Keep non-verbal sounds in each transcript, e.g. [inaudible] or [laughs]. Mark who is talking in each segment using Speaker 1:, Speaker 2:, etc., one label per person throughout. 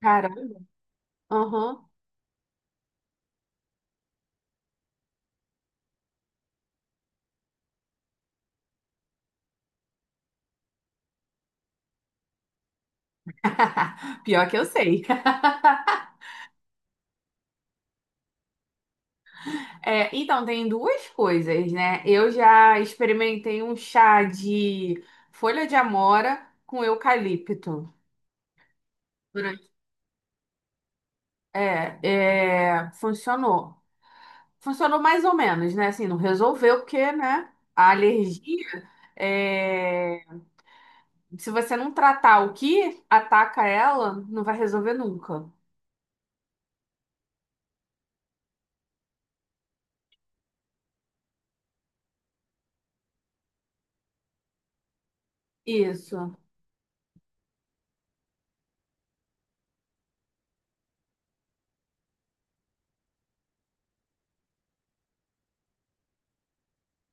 Speaker 1: Caramba. Aham. [laughs] Pior que eu sei. [laughs] É, então, tem duas coisas, né? Eu já experimentei um chá de folha de amora com eucalipto. Durante- é, funcionou. Funcionou mais ou menos, né? Assim, não resolveu, porque, né? A alergia, é, se você não tratar o que ataca ela, não vai resolver nunca. Isso.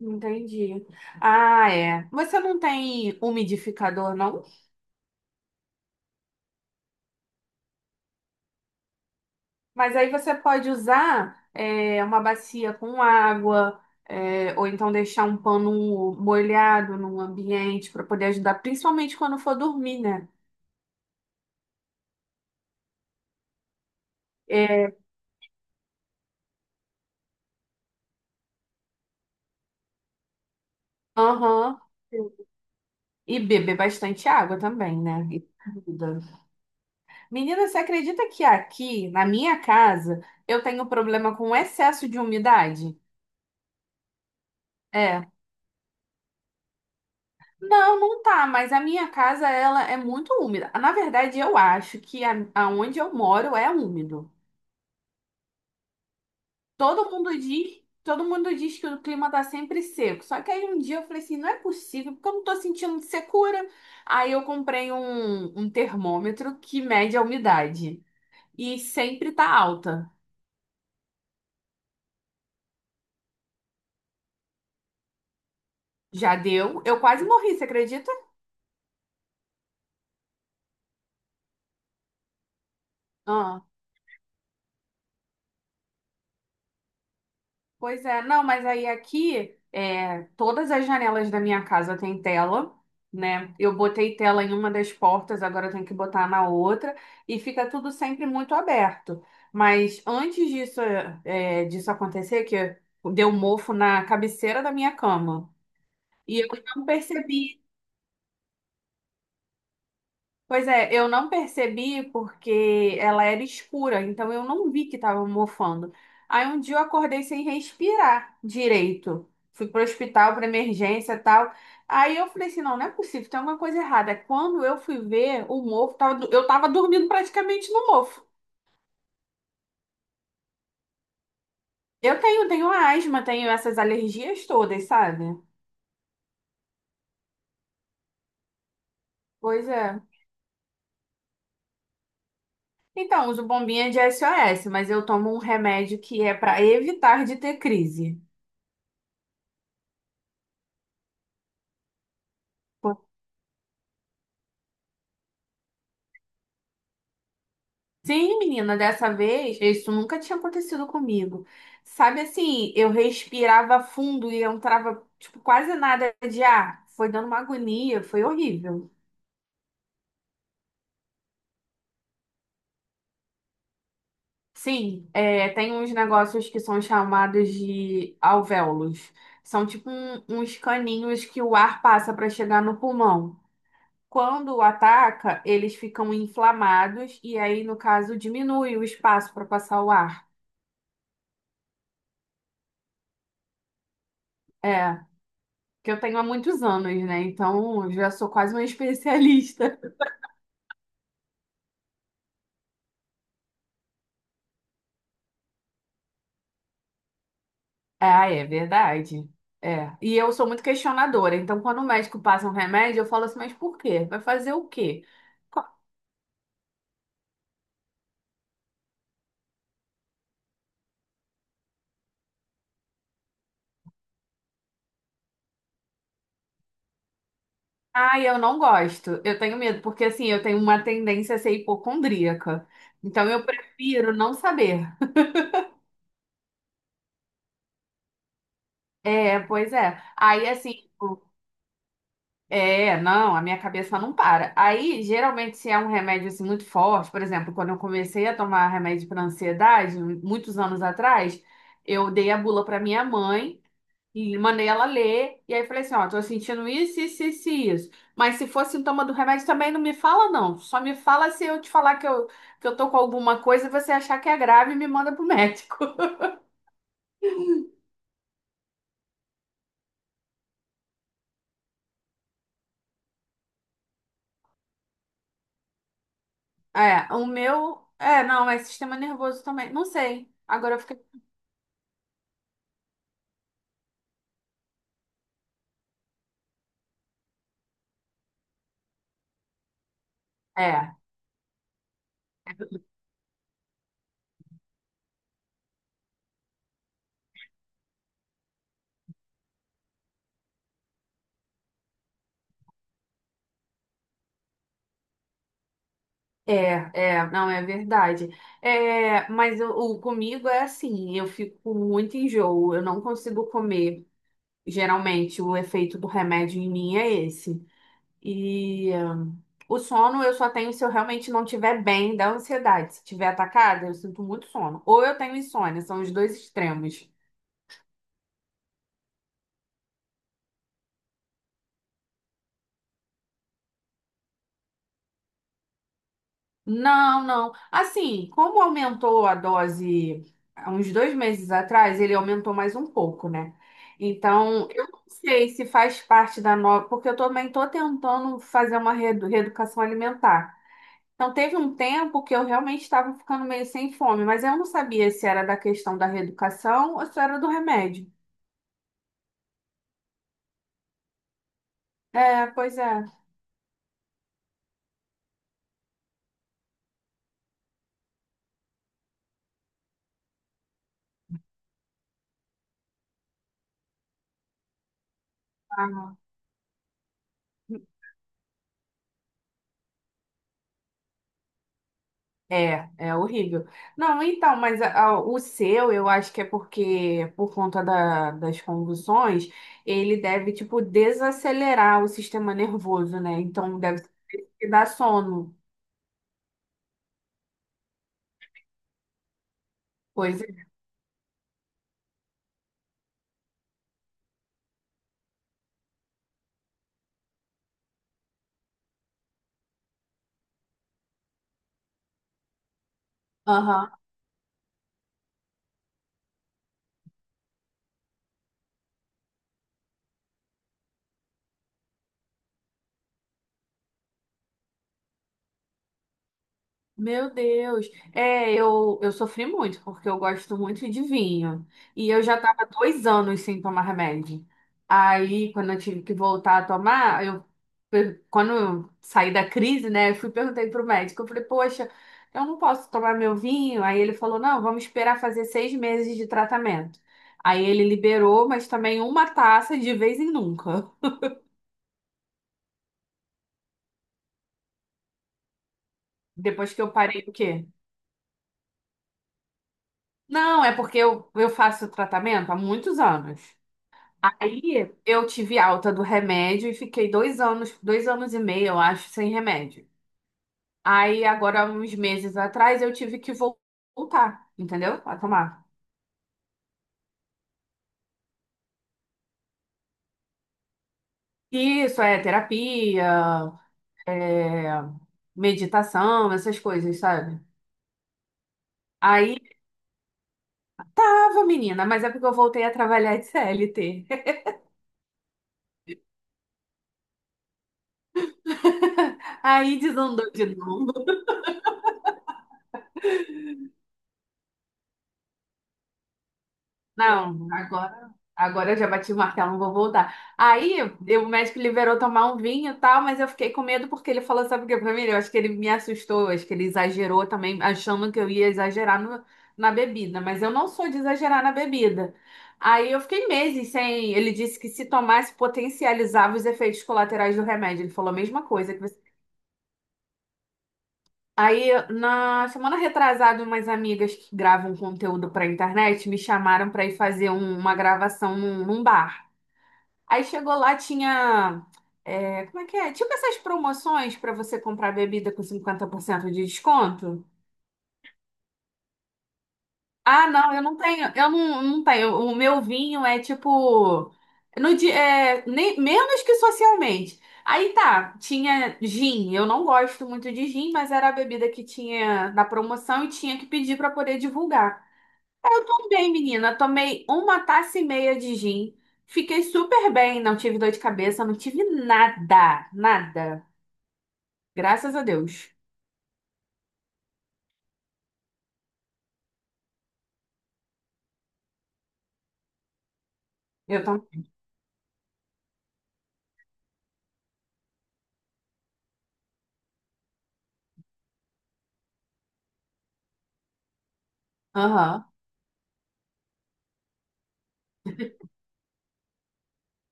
Speaker 1: Entendi. Ah, é. Você não tem umidificador, não? Mas aí você pode usar é, uma bacia com água, é, ou então deixar um pano molhado num ambiente para poder ajudar, principalmente quando for dormir, né? É, aham. E beber bastante água também, né? E comida. Menina, você acredita que aqui, na minha casa, eu tenho problema com excesso de umidade? É. Não, não tá, mas a minha casa ela é muito úmida. Na verdade, eu acho que aonde eu moro é úmido. Todo mundo diz que o clima tá sempre seco. Só que aí um dia eu falei assim, não é possível, porque eu não tô sentindo secura. Aí eu comprei um termômetro que mede a umidade e sempre tá alta. Já deu? Eu quase morri, você acredita? Pois é, não, mas aí aqui, é, todas as janelas da minha casa têm tela, né? Eu botei tela em uma das portas, agora eu tenho que botar na outra, e fica tudo sempre muito aberto. Mas antes disso, é, disso acontecer, que deu mofo na cabeceira da minha cama, e eu não percebi. Pois é, eu não percebi porque ela era escura, então eu não vi que estava mofando. Aí um dia eu acordei sem respirar direito. Fui pro hospital para emergência e tal. Aí eu falei assim, não, não é possível, tem alguma coisa errada. Quando eu fui ver, o mofo tava, eu tava dormindo praticamente no mofo. Eu tenho, tenho asma, tenho essas alergias todas, sabe? Pois é. Então, uso bombinha de SOS, mas eu tomo um remédio que é para evitar de ter crise. Sim, menina, dessa vez, isso nunca tinha acontecido comigo. Sabe assim, eu respirava fundo e eu entrava, tipo, quase nada de ar. Foi dando uma agonia, foi horrível. Sim, é, tem uns negócios que são chamados de alvéolos. São tipo uns caninhos que o ar passa para chegar no pulmão. Quando ataca, eles ficam inflamados e aí, no caso, diminui o espaço para passar o ar. É. Que eu tenho há muitos anos, né? Então, eu já sou quase uma [laughs] especialista. Ah, é verdade. É. E eu sou muito questionadora. Então, quando o médico passa um remédio, eu falo assim, mas por quê? Vai fazer o quê? Co- Ah, eu não gosto. Eu tenho medo, porque assim, eu tenho uma tendência a ser hipocondríaca. Então, eu prefiro não saber. É, pois é. Aí, assim, tipo, é, não, a minha cabeça não para. Aí, geralmente, se é um remédio assim, muito forte, por exemplo, quando eu comecei a tomar remédio para ansiedade, muitos anos atrás, eu dei a bula para minha mãe e mandei ela ler. E aí falei assim: ó, tô sentindo isso, isso, isso, e isso. Mas se for sintoma do remédio, também não me fala, não. Só me fala se eu te falar que eu tô com alguma coisa e você achar que é grave e me manda pro médico. [laughs] É, o meu. É, não, é sistema nervoso também. Não sei. Agora eu fiquei. É. É, é, não, é verdade. É, mas o comigo é assim, eu fico com muito enjoo, eu não consigo comer. Geralmente, o efeito do remédio em mim é esse. E o sono eu só tenho se eu realmente não estiver bem da ansiedade. Se estiver atacada, eu sinto muito sono. Ou eu tenho insônia, são os dois extremos. Não, não. Assim, como aumentou a dose há uns 2 meses atrás, ele aumentou mais um pouco, né? Então, eu não sei se faz parte da nova, porque eu também estou tentando fazer uma reeducação alimentar. Então, teve um tempo que eu realmente estava ficando meio sem fome, mas eu não sabia se era da questão da reeducação ou se era do remédio. É, pois é. Ah. É, é horrível. Não, então, mas o seu, eu acho que é porque, por conta das convulsões, ele deve, tipo, desacelerar o sistema nervoso, né? Então, deve dar sono. Pois é. Meu Deus. É, eu sofri muito, porque eu gosto muito de vinho. E eu já estava 2 anos sem tomar remédio. Aí, quando eu tive que voltar a tomar, quando eu saí da crise, né, eu fui e perguntei pro médico. Eu falei, poxa, eu não posso tomar meu vinho. Aí ele falou, não, vamos esperar fazer 6 meses de tratamento. Aí ele liberou, mas também uma taça de vez em nunca. Depois que eu parei, o quê? Não, é porque eu faço tratamento há muitos anos. Aí eu tive alta do remédio e fiquei 2 anos, 2 anos e meio, eu acho, sem remédio. Aí agora, uns meses atrás, eu tive que voltar, entendeu? A tomar. Isso é terapia, é, meditação, essas coisas, sabe? Aí tava, menina, mas é porque eu voltei a trabalhar de CLT. [laughs] Aí desandou de novo. Não, agora eu já bati o martelo, não vou voltar. Aí o médico liberou tomar um vinho e tal, mas eu fiquei com medo porque ele falou, sabe o que pra mim? Eu acho que ele me assustou, acho que ele exagerou também, achando que eu ia exagerar na bebida, mas eu não sou de exagerar na bebida. Aí eu fiquei meses sem. Ele disse que se tomasse potencializava os efeitos colaterais do remédio. Ele falou a mesma coisa que você. Aí, na semana retrasada, umas amigas que gravam conteúdo pra internet me chamaram pra ir fazer uma gravação num bar. Aí chegou lá, tinha. É, como é que é? Tipo essas promoções pra você comprar bebida com 50% de desconto. Ah, não, eu não tenho, eu não, não tenho. O meu vinho é tipo, no dia, é, nem, menos que socialmente. Aí tá, tinha gin. Eu não gosto muito de gin, mas era a bebida que tinha na promoção e tinha que pedir pra poder divulgar. Aí eu tomei, menina, tomei uma taça e meia de gin. Fiquei super bem, não tive dor de cabeça, não tive nada, nada. Graças a Deus. Eu tô, aham,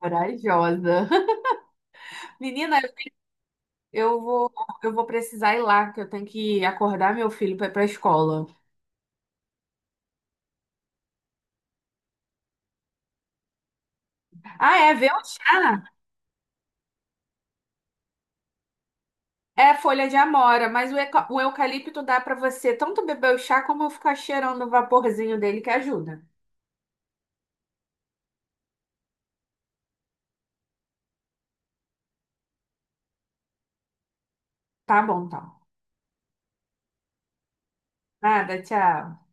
Speaker 1: corajosa. [laughs] Menina, Eu vou, eu vou precisar ir lá, que eu tenho que acordar meu filho para ir para a escola. Ah, é, ver o chá. É folha de amora, mas o eucalipto dá para você tanto beber o chá como ficar cheirando o vaporzinho dele que ajuda. Tá bom, então. Nada, tchau.